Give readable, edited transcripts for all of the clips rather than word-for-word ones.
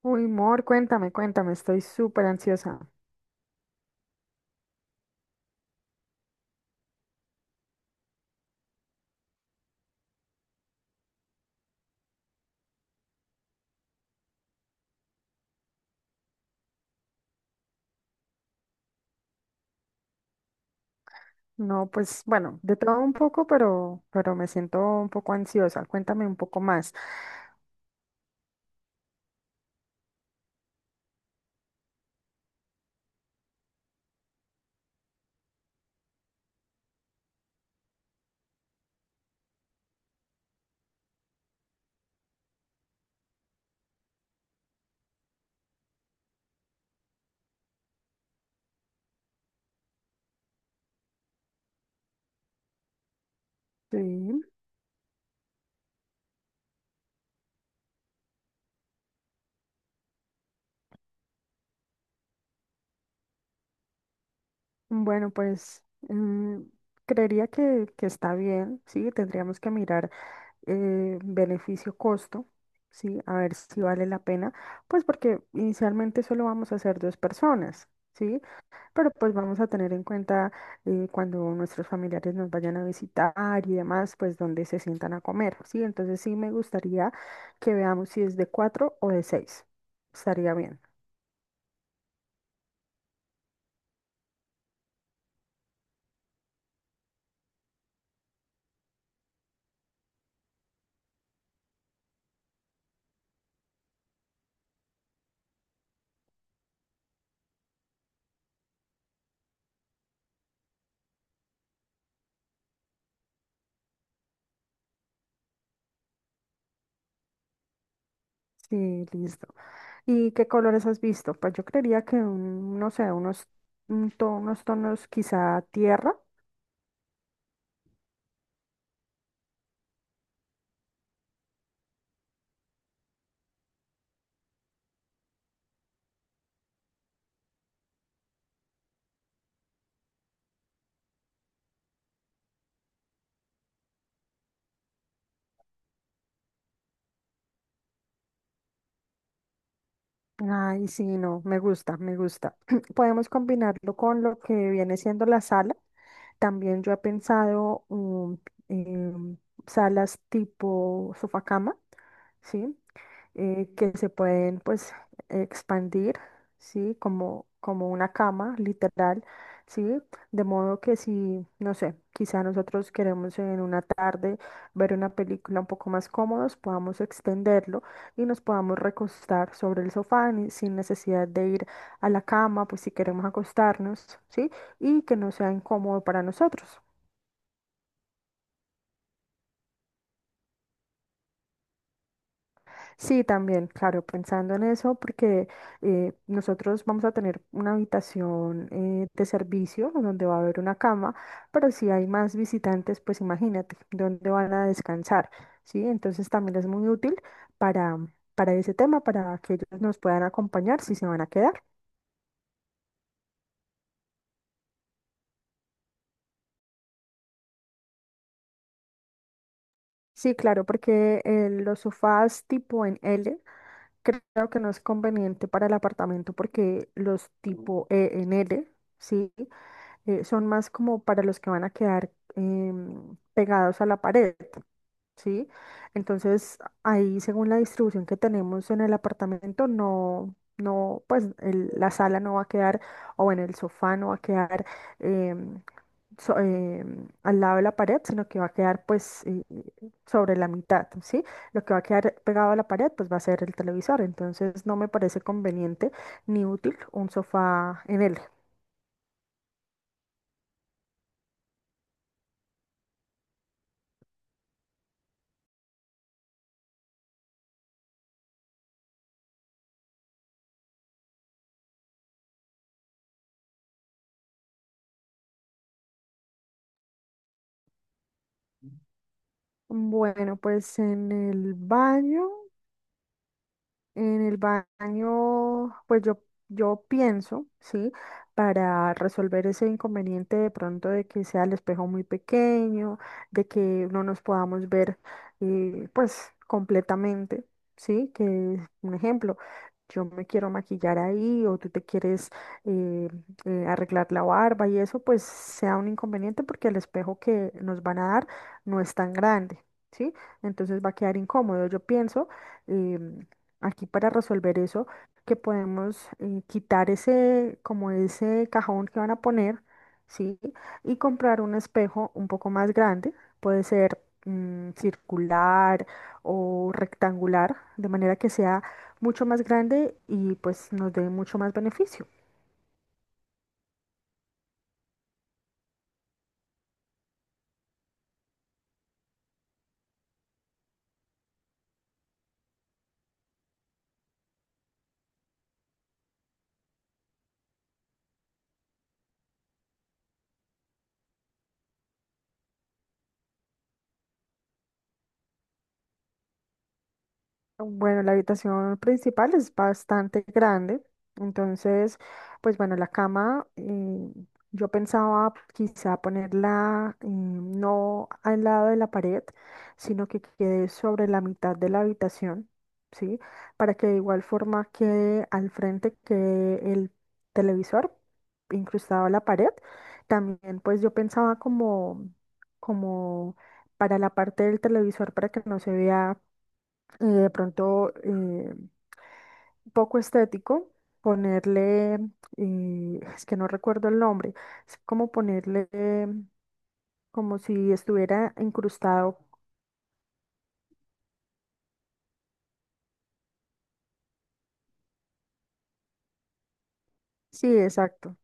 Uy, Mor, cuéntame, cuéntame, estoy súper ansiosa. No, pues bueno, de todo un poco, pero me siento un poco ansiosa. Cuéntame un poco más. Sí, bueno, pues creería que está bien, sí, tendríamos que mirar beneficio-costo, sí, a ver si vale la pena, pues porque inicialmente solo vamos a ser dos personas, sí. Pero pues vamos a tener en cuenta cuando nuestros familiares nos vayan a visitar y demás, pues dónde se sientan a comer, ¿sí? Entonces sí me gustaría que veamos si es de cuatro o de seis. Estaría bien. Sí, listo. ¿Y qué colores has visto? Pues yo creería que un, no sé, unos, unos tonos quizá tierra. Ay, sí, no, me gusta, me gusta. Podemos combinarlo con lo que viene siendo la sala. También yo he pensado em, salas tipo sofá cama, ¿sí? Que se pueden pues expandir, ¿sí? Como, como una cama, literal, ¿sí? De modo que si, no sé, quizá nosotros queremos en una tarde ver una película un poco más cómodos, podamos extenderlo y nos podamos recostar sobre el sofá sin necesidad de ir a la cama, pues si queremos acostarnos, ¿sí? Y que no sea incómodo para nosotros. Sí, también, claro, pensando en eso, porque nosotros vamos a tener una habitación de servicio donde va a haber una cama, pero si hay más visitantes, pues imagínate dónde van a descansar, ¿sí? Entonces también es muy útil para, para ese tema, para que ellos nos puedan acompañar si se van a quedar. Sí, claro, porque los sofás tipo en L creo que no es conveniente para el apartamento porque los tipo E en L, ¿sí? Son más como para los que van a quedar pegados a la pared, ¿sí? Entonces, ahí según la distribución que tenemos en el apartamento, no, no, pues la sala no va a quedar, o bueno, el sofá no va a quedar em, al lado de la pared, sino que va a quedar pues sobre la mitad, ¿sí? Lo que va a quedar pegado a la pared, pues va a ser el televisor, entonces no me parece conveniente ni útil un sofá en él. Bueno, pues en el baño. En el baño, pues yo pienso, ¿sí? Para resolver ese inconveniente de pronto de que sea el espejo muy pequeño, de que no nos podamos ver, pues, completamente, ¿sí? Que, es un ejemplo, yo me quiero maquillar ahí o tú te quieres eh, arreglar la barba y eso, pues, sea un inconveniente porque el espejo que nos van a dar no es tan grande, ¿sí? Entonces va a quedar incómodo, yo pienso. em, aquí para resolver eso, que podemos quitar ese, como ese cajón que van a poner, ¿sí? Y comprar un espejo un poco más grande, puede ser circular o rectangular, de manera que sea mucho más grande y pues nos dé mucho más beneficio. Bueno, la habitación principal es bastante grande, entonces, pues bueno, la cama, yo pensaba quizá ponerla no al lado de la pared, sino que quede sobre la mitad de la habitación, ¿sí? Para que de igual forma quede al frente que el televisor incrustado a la pared. También, pues yo pensaba como, como para la parte del televisor para que no se vea y de pronto poco estético, ponerle, es que no recuerdo el nombre, es como ponerle como si estuviera incrustado. Sí, exacto.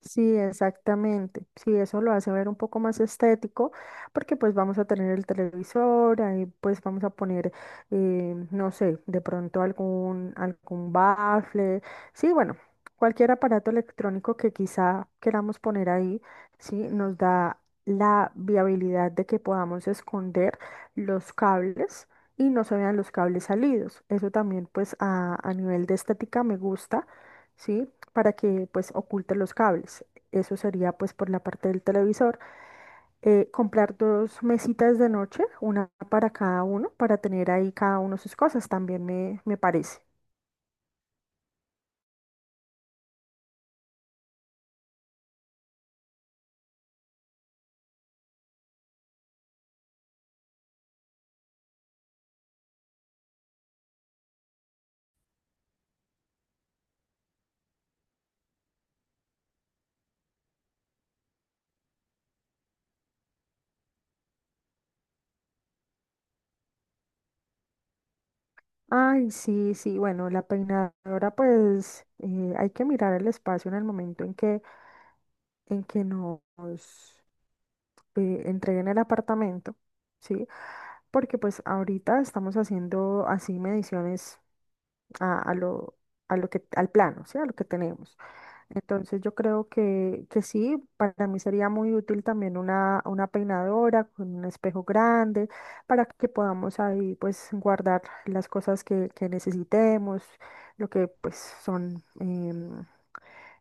Sí, exactamente. Sí, eso lo hace ver un poco más estético, porque pues vamos a tener el televisor, ahí pues vamos a poner, no sé, de pronto algún, algún bafle. Sí, bueno, cualquier aparato electrónico que quizá queramos poner ahí, sí, nos da la viabilidad de que podamos esconder los cables y no se vean los cables salidos. Eso también pues a nivel de estética me gusta, ¿sí? Para que pues oculte los cables. Eso sería pues por la parte del televisor. Comprar dos mesitas de noche, una para cada uno, para tener ahí cada uno sus cosas, también me parece. Ay, sí, sí, bueno, la peinadora pues hay que mirar el espacio en el momento en en que nos entreguen el apartamento, ¿sí? Porque pues ahorita estamos haciendo así mediciones a, a lo, a lo que, al plano, ¿sí? A lo que tenemos. Entonces yo creo que sí, para mí sería muy útil también una peinadora con un espejo grande para que podamos ahí pues guardar las cosas que necesitemos, lo que pues son,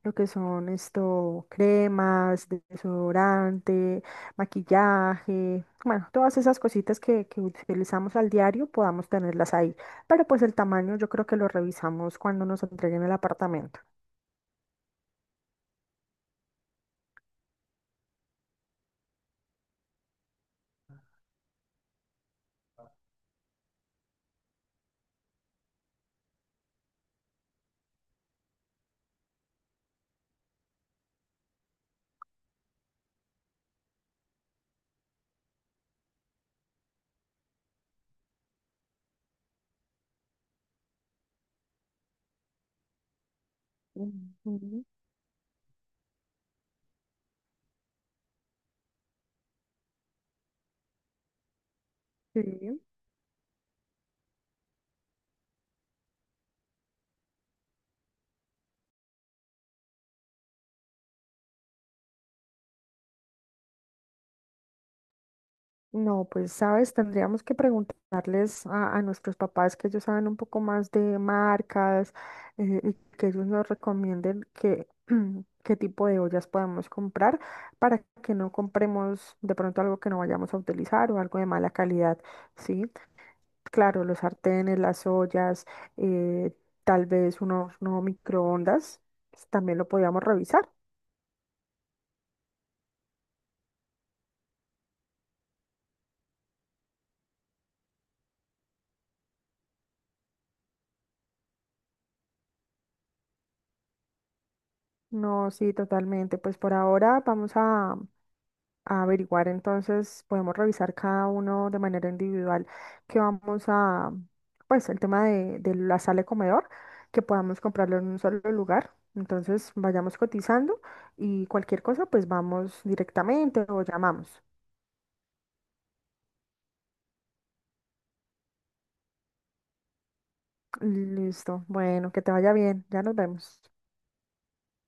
lo que son esto, cremas, desodorante, maquillaje, bueno, todas esas cositas que utilizamos al diario podamos tenerlas ahí. Pero pues el tamaño yo creo que lo revisamos cuando nos entreguen el apartamento. Ujú. Sí. No, pues sabes, tendríamos que preguntarles a nuestros papás que ellos saben un poco más de marcas, y que ellos nos recomienden qué, qué tipo de ollas podemos comprar para que no compremos de pronto algo que no vayamos a utilizar o algo de mala calidad, ¿sí? Claro, los sartenes, las ollas, eh, tal vez unos no microondas, pues, también lo podíamos revisar. No, sí, totalmente. Pues por ahora vamos a averiguar, entonces podemos revisar cada uno de manera individual que vamos a, pues el tema de la sala de comedor, que podamos comprarlo en un solo lugar. Entonces vayamos cotizando y cualquier cosa, pues vamos directamente o llamamos. Listo. Bueno, que te vaya bien. Ya nos vemos.